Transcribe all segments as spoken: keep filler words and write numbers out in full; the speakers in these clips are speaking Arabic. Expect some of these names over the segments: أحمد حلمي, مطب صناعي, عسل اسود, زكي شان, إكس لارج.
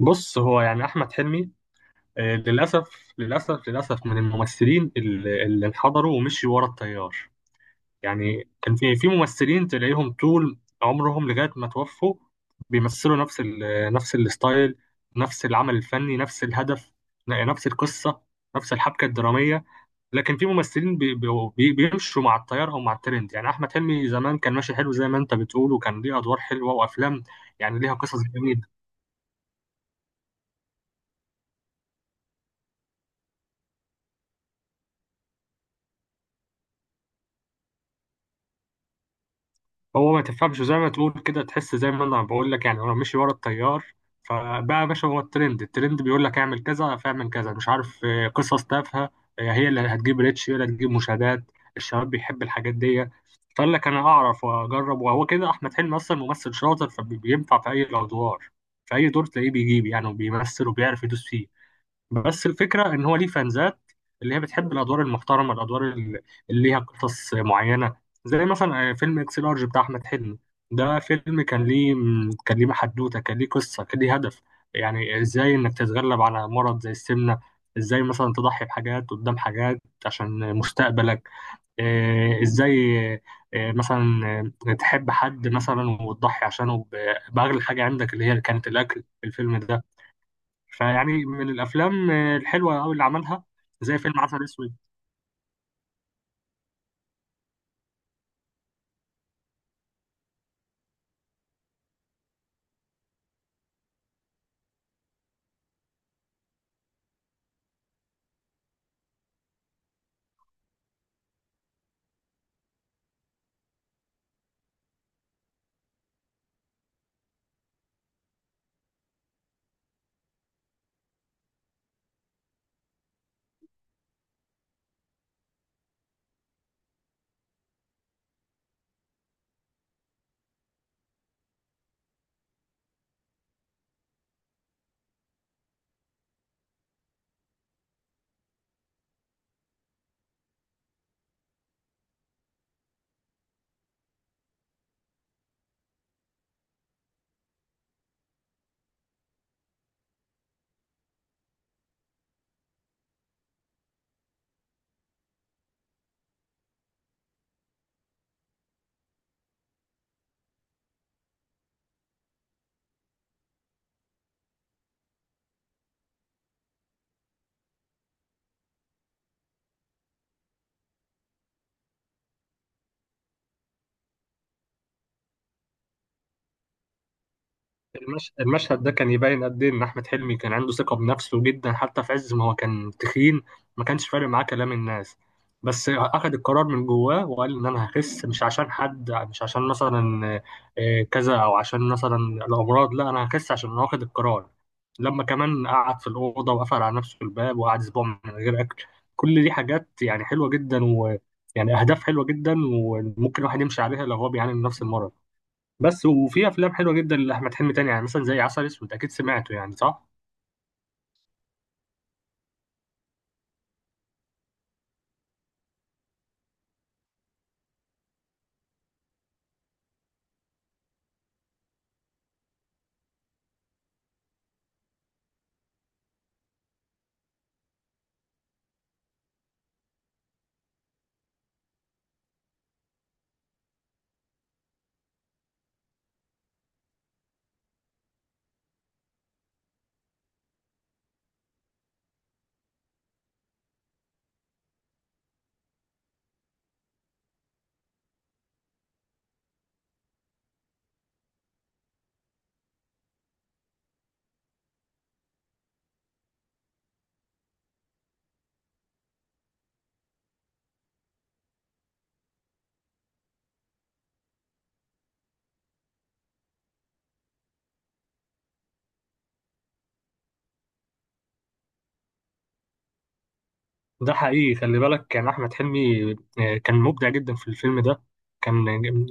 بص، هو يعني احمد حلمي، آه، للاسف للاسف للاسف من الممثلين اللي اللي انحدروا ومشيوا ورا التيار. يعني كان في في ممثلين تلاقيهم طول عمرهم لغايه ما توفوا بيمثلوا نفس ال نفس الستايل، نفس العمل الفني، نفس الهدف، نفس القصه، نفس الحبكه الدراميه. لكن في ممثلين بي بي بيمشوا مع التيار او مع الترند. يعني احمد حلمي زمان كان ماشي حلو زي ما انت بتقول، وكان ليه ادوار حلوه وافلام، يعني ليها قصص جميله. هو ما تفهمش، زي ما تقول كده تحس، زي ما انا بقول لك، يعني هو مشي ورا التيار. فبقى يا باشا، هو الترند، الترند بيقول لك اعمل كذا فاعمل كذا، مش عارف، آه، قصص تافهه، آه، هي اللي هتجيب ريتش، هي اللي هتجيب مشاهدات، الشباب بيحب الحاجات دي. فقال لك انا اعرف واجرب، وهو كده احمد حلمي اصلا ممثل شاطر فبينفع في اي الادوار. في اي دور تلاقيه بيجيب يعني، وبيمثل وبيعرف يدوس فيه. بس الفكرة إن هو ليه فانزات اللي هي بتحب الأدوار المحترمة، الأدوار اللي اللي ليها قصص معينة. زي مثلا آه، فيلم إكس لارج بتاع أحمد حلمي، ده فيلم كان ليه، كان ليه حدوتة، كان ليه قصة، كان ليه هدف. يعني إزاي إنك تتغلب على مرض زي السمنة، إزاي مثلا تضحي بحاجات قدام حاجات عشان مستقبلك، آه، إزاي، آه، مثلا، آه، تحب حد مثلا وتضحي عشانه ب- بأغلى حاجة عندك، اللي هي كانت الأكل في الفيلم ده. فيعني من الافلام الحلوه قوي اللي عملها، زي فيلم عسل اسود. المش... المشهد ده كان يبين قد ايه ان احمد حلمي كان عنده ثقه بنفسه جدا، حتى في عز ما هو كان تخين. ما كانش فارق معاه كلام الناس، بس اخذ القرار من جواه وقال ان انا هخس، مش عشان حد، مش عشان مثلا آه، كذا، او عشان مثلا الامراض. لا، انا هخس عشان انا واخد القرار. لما كمان قعد في الاوضه وقفل على نفسه الباب وقعد اسبوع من غير اكل، كل دي حاجات يعني حلوه جدا، ويعني اهداف حلوه جدا، وممكن الواحد يمشي عليها لو هو بيعاني من نفس المرض. بس وفي افلام حلوه جدا لاحمد حلمي تاني يعني، مثلا زي عسل اسود، اكيد سمعته يعني صح. ده حقيقي، خلي بالك كان احمد حلمي آه، كان مبدع جدا في الفيلم ده. كان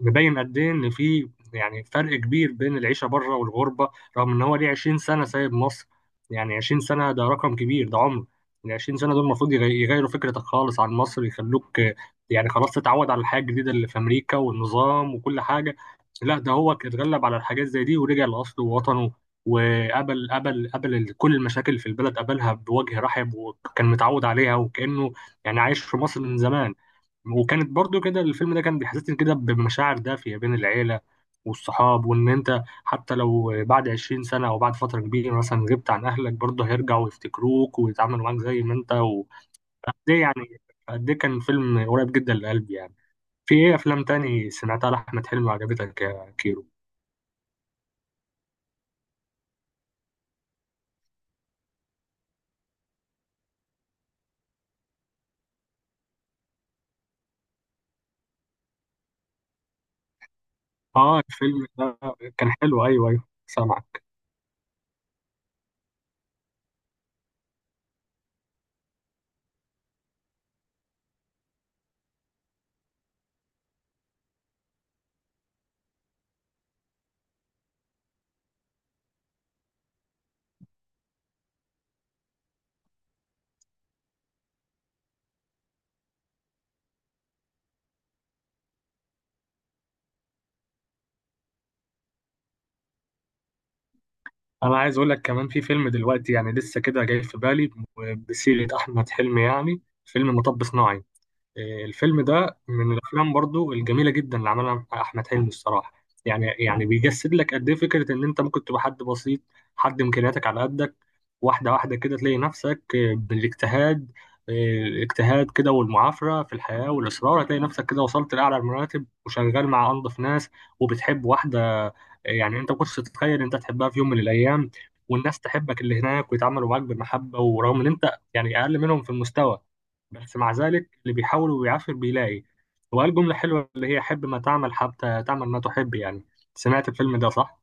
مبين قد ايه ان في يعني فرق كبير بين العيشه بره والغربه. رغم ان هو ليه عشرين سنه سايب مصر، يعني عشرين سنه ده رقم كبير، ده عمر. ال عشرين سنه دول المفروض يغي- يغيروا فكرتك خالص عن مصر، يخلوك آه، يعني خلاص تتعود على الحياه الجديده اللي في امريكا والنظام وكل حاجه. لا، ده هو اتغلب على الحاجات زي دي ورجع لاصله ووطنه، وقبل قبل قبل كل المشاكل في البلد قبلها بوجه رحب، وكان متعود عليها، وكأنه يعني عايش في مصر من زمان. وكانت برضو كده، الفيلم ده كان بيحسسني كده بمشاعر دافية بين العيلة والصحاب، وإن أنت حتى لو بعد عشرين سنة أو بعد فترة كبيرة مثلا غبت عن أهلك، برضه هيرجعوا يفتكروك ويتعاملوا معاك زي ما أنت و- قد إيه يعني، قد إيه كان فيلم قريب جدا لقلبي يعني. في إيه أفلام تاني سمعتها لأحمد حلمي وعجبتك يا كيرو؟ آه، الفيلم ده كان حلو، أيوه أيوه، سامعك. انا عايز اقول لك كمان في فيلم دلوقتي يعني لسه كده جاي في بالي بسيرة احمد حلمي، يعني فيلم مطب صناعي. آه، الفيلم ده من الافلام برضو الجميله جدا اللي عملها احمد حلمي الصراحه. يعني يعني بيجسد لك قد ايه فكره ان انت ممكن تبقى حد بسيط، حد امكانياتك على قدك، واحده واحده كده تلاقي نفسك آه، بالاجتهاد، آه، الاجتهاد كده والمعافره في الحياه والاصرار، هتلاقي نفسك كده وصلت لاعلى المراتب وشغال مع انظف ناس. وبتحب واحده آه، يعني انت ما كنتش تتخيل انت تحبها في يوم من الايام. والناس تحبك اللي هناك ويتعاملوا معاك بالمحبه، ورغم ان انت يعني اقل منهم في المستوى، بس مع ذلك اللي بيحاول وبيعافر بيلاقي. وقال جملة حلوة اللي هي حب ما تعمل حتى تعمل ما تحب، يعني سمعت الفيلم ده صح؟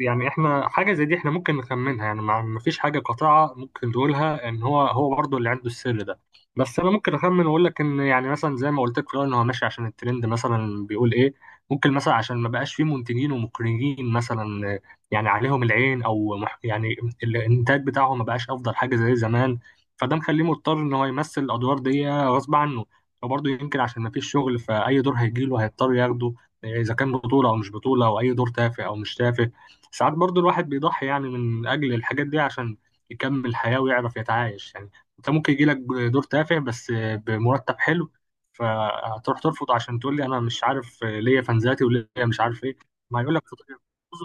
يعني احنا حاجة زي دي احنا ممكن نخمنها، يعني ما ما فيش حاجة قاطعة ممكن تقولها ان هو هو برضه اللي عنده السر ده. بس انا ممكن اخمن واقول لك ان يعني مثلا زي ما قلت لك في الأول، ان هو ماشي عشان الترند مثلا بيقول ايه. ممكن مثلا عشان ما بقاش فيه منتجين ومخرجين، مثلا آه، يعني عليهم العين، او مح- يعني الانتاج بتاعهم ما بقاش افضل حاجة زي زمان، فده مخليه مضطر ان هو يمثل الادوار دي غصب عنه. وبرضه يمكن عشان ما فيش شغل، فاي دور هيجيله هيضطر ياخده، آه، اذا كان بطولة او مش بطولة او اي دور تافه او مش تافه. ساعات برضو الواحد بيضحي يعني من أجل الحاجات دي عشان يكمل حياة ويعرف يتعايش يعني. أنت ممكن يجيلك دور تافه بس بمرتب حلو، فهتروح ترفض عشان تقول لي أنا مش عارف ليا فانزاتي وليا مش عارف إيه. ما هيقول لك،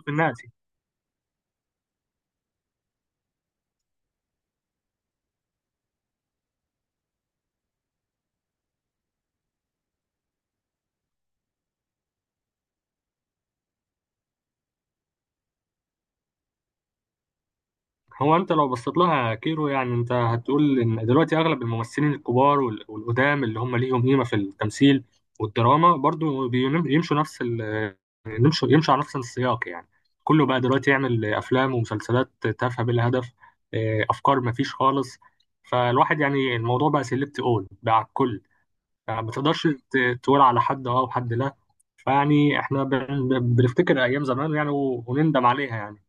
في الناس. هو انت لو بصيت لها يا كيرو، يعني انت هتقول ان دلوقتي اغلب الممثلين الكبار وال- والقدام اللي هم ليهم قيمه في التمثيل والدراما، برضو بينم- يمشوا نفس ال يمشوا يمشوا على نفس السياق يعني. كله بقى دلوقتي يعمل افلام ومسلسلات تافهه بلا هدف. اه، افكار ما فيش خالص. فالواحد يعني الموضوع بقى سيلبت اول بقى على الكل. يعني ما تقدرش ت- تقول على حد اه وحد لا. فيعني احنا بن- بنفتكر ايام زمان يعني و- ونندم عليها يعني.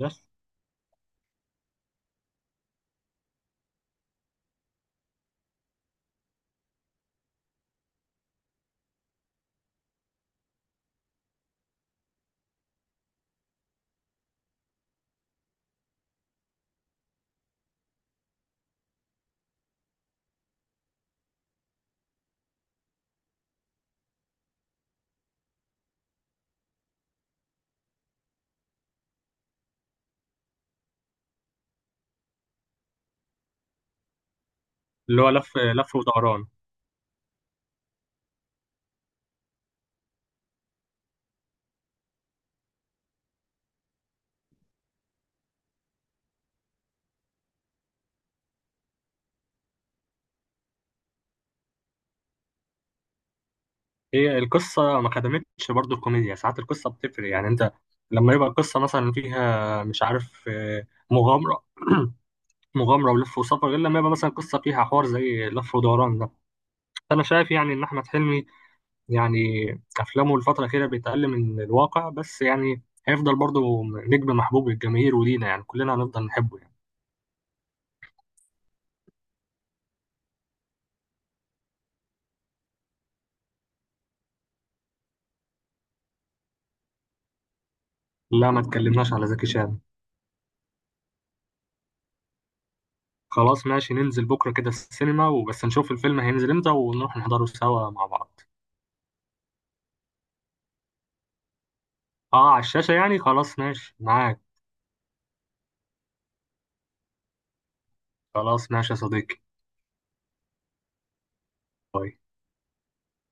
بس اللي هو، لف لف ودوران، هي القصة ما خدمتش برضو الكوميديا. ساعات القصة بتفرق يعني، انت لما يبقى القصة مثلا فيها مش عارف آه، مغامرة مغامرة ولف وسفر، غير لما يبقى مثلا قصة فيها حوار زي لف ودوران ده. أنا شايف يعني إن أحمد حلمي يعني أفلامه الفترة الأخيرة بيتقل من الواقع بس يعني. هيفضل برضو نجم محبوب للجماهير ولينا، يعني كلنا هنفضل نحبه يعني. لا، ما اتكلمناش على زكي شان. خلاص ماشي، ننزل بكرة كده السينما وبس نشوف الفيلم هينزل امتى ونروح نحضره سوا مع بعض. اه، على الشاشة يعني، خلاص ماشي معاك. خلاص ماشي يا صديقي، طيب.